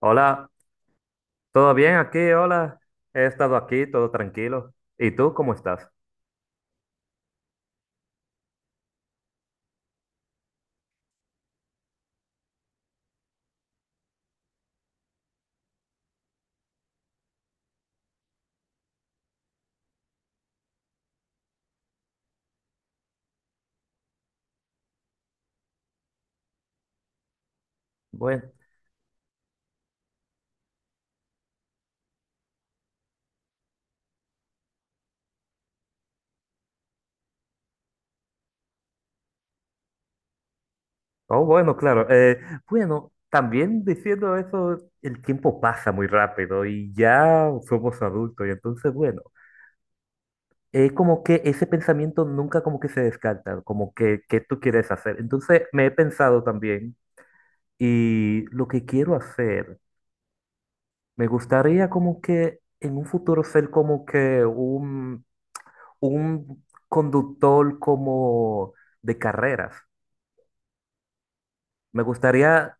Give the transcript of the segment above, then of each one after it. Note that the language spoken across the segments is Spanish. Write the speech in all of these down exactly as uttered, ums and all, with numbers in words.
Hola, ¿todo bien aquí? Hola, he estado aquí, todo tranquilo. ¿Y tú cómo estás? Bueno, oh, bueno, claro. Eh, bueno, también diciendo eso, el tiempo pasa muy rápido y ya somos adultos y entonces, bueno, es como que ese pensamiento nunca como que se descarta, como que, ¿qué tú quieres hacer? Entonces, me he pensado también y lo que quiero hacer, me gustaría como que en un futuro ser como que un conductor como de carreras. Me gustaría,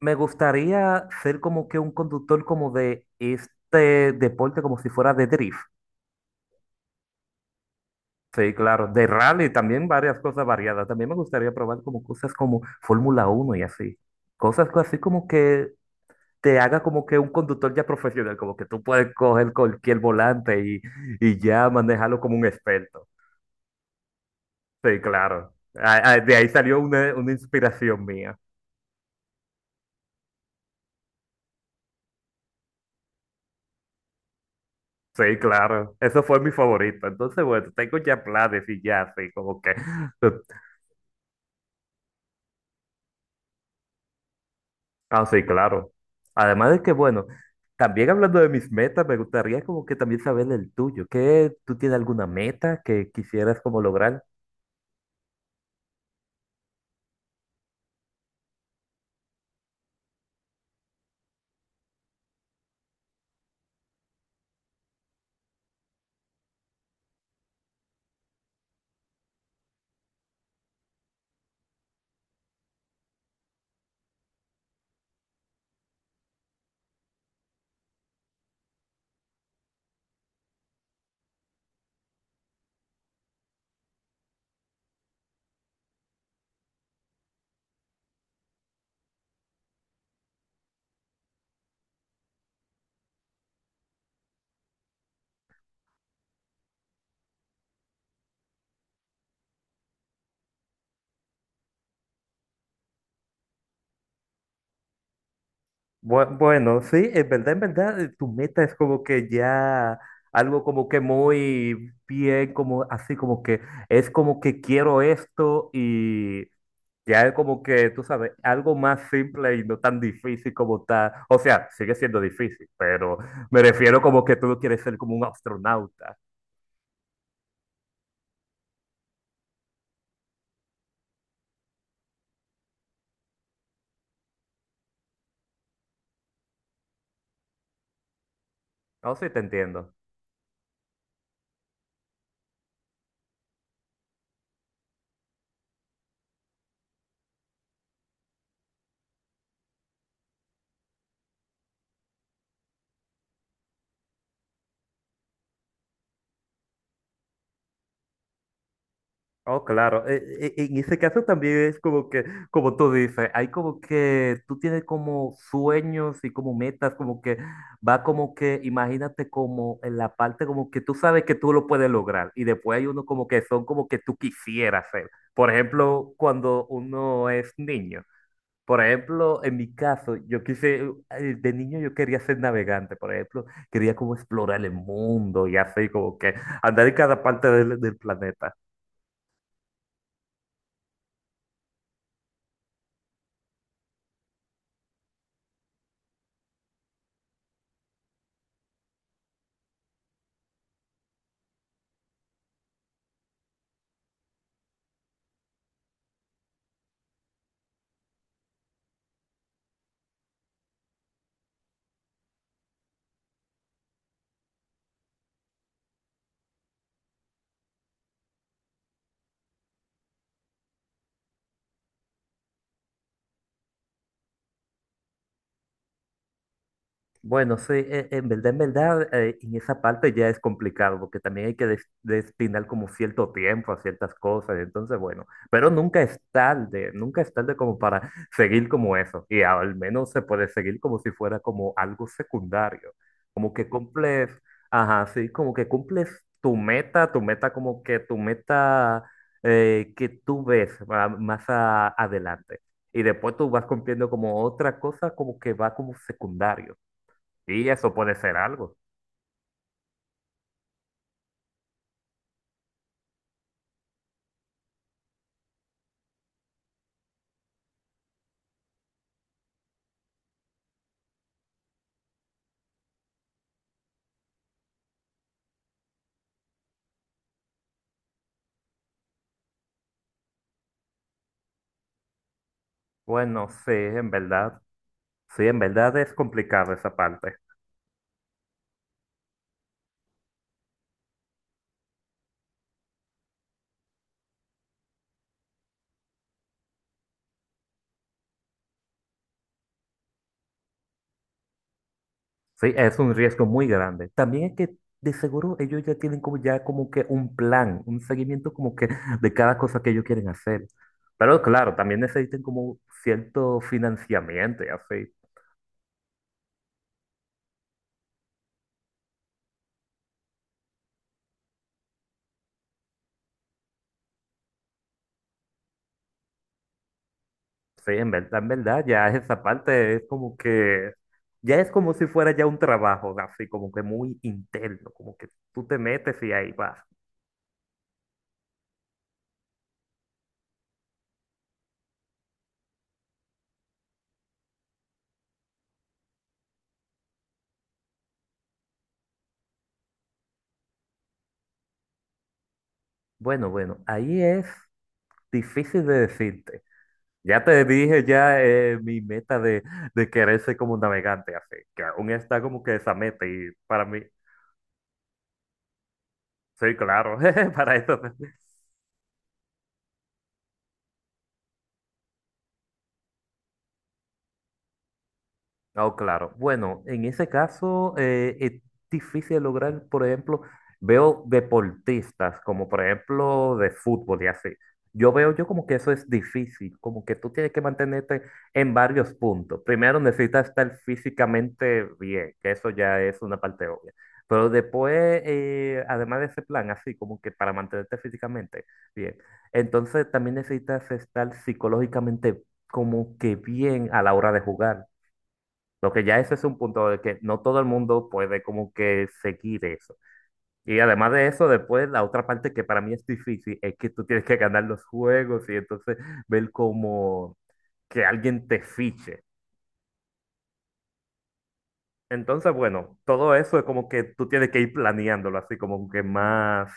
me gustaría ser como que un conductor como de este deporte, como si fuera de drift. Sí, claro, de rally también varias cosas variadas. También me gustaría probar como cosas como Fórmula uno y así. Cosas co- así como que te haga como que un conductor ya profesional, como que tú puedes coger cualquier volante y, y ya manejarlo como un experto. Sí, claro. Ah, ah, De ahí salió una, una inspiración mía. Sí, claro, eso fue mi favorito. Entonces, bueno, tengo ya planes y ya, así como que. Ah, sí, claro. Además de que, bueno, también hablando de mis metas, me gustaría como que también saber el tuyo. ¿Qué, tú tienes alguna meta que quisieras como lograr? Bu- Bueno, sí, en verdad, en verdad, eh, tu meta es como que ya algo como que muy bien, como así como que es como que quiero esto y ya es como que, tú sabes, algo más simple y no tan difícil como tal. O sea, sigue siendo difícil, pero me refiero como que tú no quieres ser como un astronauta. No sé si te entiendo. Oh, claro. E- e- e, En ese caso también es como que, como tú dices, hay como que tú tienes como sueños y como metas, como que va como que, imagínate como en la parte como que tú sabes que tú lo puedes lograr y después hay uno como que son como que tú quisieras ser. Por ejemplo, cuando uno es niño. Por ejemplo, en mi caso, yo quise, eh, de niño yo quería ser navegante, por ejemplo, quería como explorar el mundo y así como que andar en cada parte del, del planeta. Bueno, sí, e- en verdad, en verdad, eh, en esa parte ya es complicado, porque también hay que des- destinar como cierto tiempo a ciertas cosas, entonces, bueno, pero nunca es tarde, nunca es tarde como para seguir como eso, y al menos se puede seguir como si fuera como algo secundario, como que cumples, ajá, sí, como que cumples tu meta, tu meta como que tu meta eh, que tú ves ah, más a- adelante. Y después tú vas cumpliendo como otra cosa como que va como secundario. Y eso puede ser algo. Bueno, sí, en verdad. Sí, en verdad es complicado esa parte. Sí, es un riesgo muy grande. También es que de seguro ellos ya tienen como ya como que un plan, un seguimiento como que de cada cosa que ellos quieren hacer. Pero claro, también necesitan como cierto financiamiento y así. Sí, en verdad, en verdad, ya esa parte es como que, ya es como si fuera ya un trabajo, así como que muy interno, como que tú te metes y ahí vas. Bueno, bueno, ahí es difícil de decirte. Ya te dije ya eh, mi meta de, de querer ser como un navegante, así que aún está como que esa meta y para mí, sí, claro, para eso Oh, claro. Bueno, en ese caso eh, es difícil lograr, por ejemplo, veo deportistas como por ejemplo de fútbol y así. Yo veo yo como que eso es difícil, como que tú tienes que mantenerte en varios puntos. Primero necesitas estar físicamente bien, que eso ya es una parte obvia. Pero después, eh, además de ese plan, así como que para mantenerte físicamente bien, entonces también necesitas estar psicológicamente como que bien a la hora de jugar lo que ya ese es un punto de que no todo el mundo puede como que seguir eso. Y además de eso, después la otra parte que para mí es difícil es que tú tienes que ganar los juegos y entonces ver como que alguien te fiche. Entonces, bueno, todo eso es como que tú tienes que ir planeándolo así como que más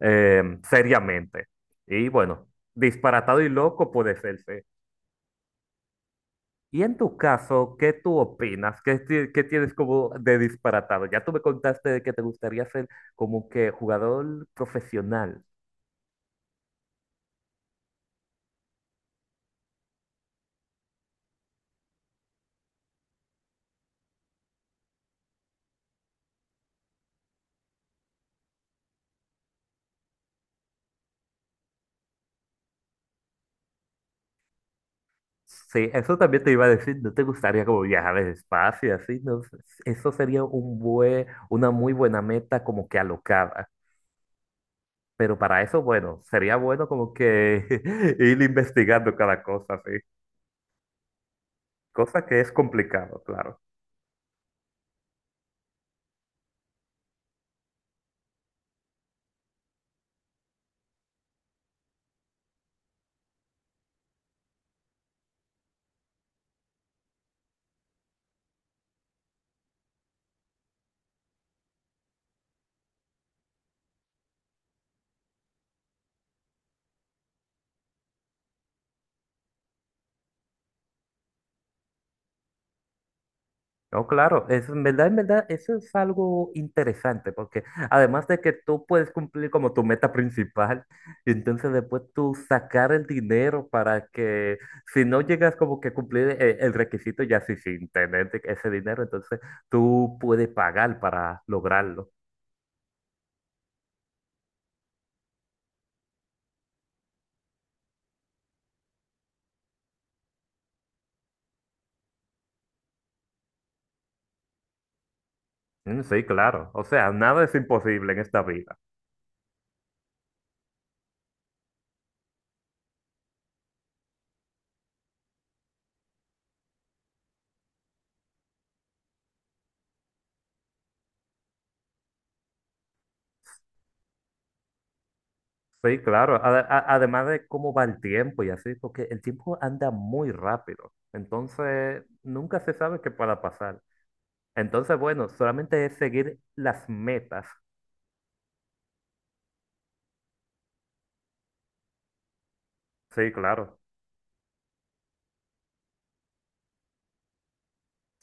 eh, seriamente. Y bueno, disparatado y loco puede ser, sí. Y en tu caso, ¿qué tú opinas? ¿Qué, ti- qué tienes como de disparatado? Ya tú me contaste de que te gustaría ser como que jugador profesional. Sí, eso también te iba a decir, ¿no te gustaría como viajar al espacio y así? No sé, eso sería un buen, una muy buena meta como que alocada. Pero para eso, bueno, sería bueno como que ir investigando cada cosa, sí. Cosa que es complicado, claro. No, claro, eso en verdad, en verdad, eso es algo interesante, porque además de que tú puedes cumplir como tu meta principal, y entonces después tú sacar el dinero para que, si no llegas como que a cumplir eh, el requisito, ya sí, sin tener de- ese dinero, entonces tú puedes pagar para lograrlo. Mm, sí, claro, o sea, nada es imposible en esta vida. Sí, claro, a- a- además de cómo va el tiempo y así, porque el tiempo anda muy rápido, entonces nunca se sabe qué pueda pasar. Entonces, bueno, solamente es seguir las metas. Sí, claro.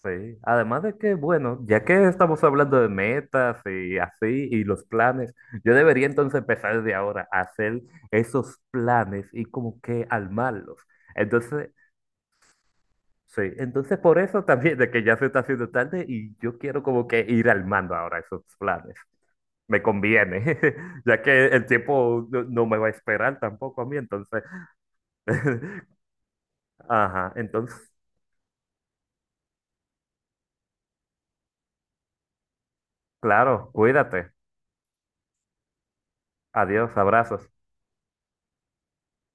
Sí, además de que, bueno, ya que estamos hablando de metas y así, y los planes, yo debería entonces empezar desde ahora a hacer esos planes y como que armarlos. Entonces, sí, entonces por eso también de que ya se está haciendo tarde y yo quiero como que ir armando ahora esos planes. Me conviene, ya que el tiempo no, no me va a esperar tampoco a mí, entonces, ajá, entonces Claro, cuídate. Adiós, abrazos.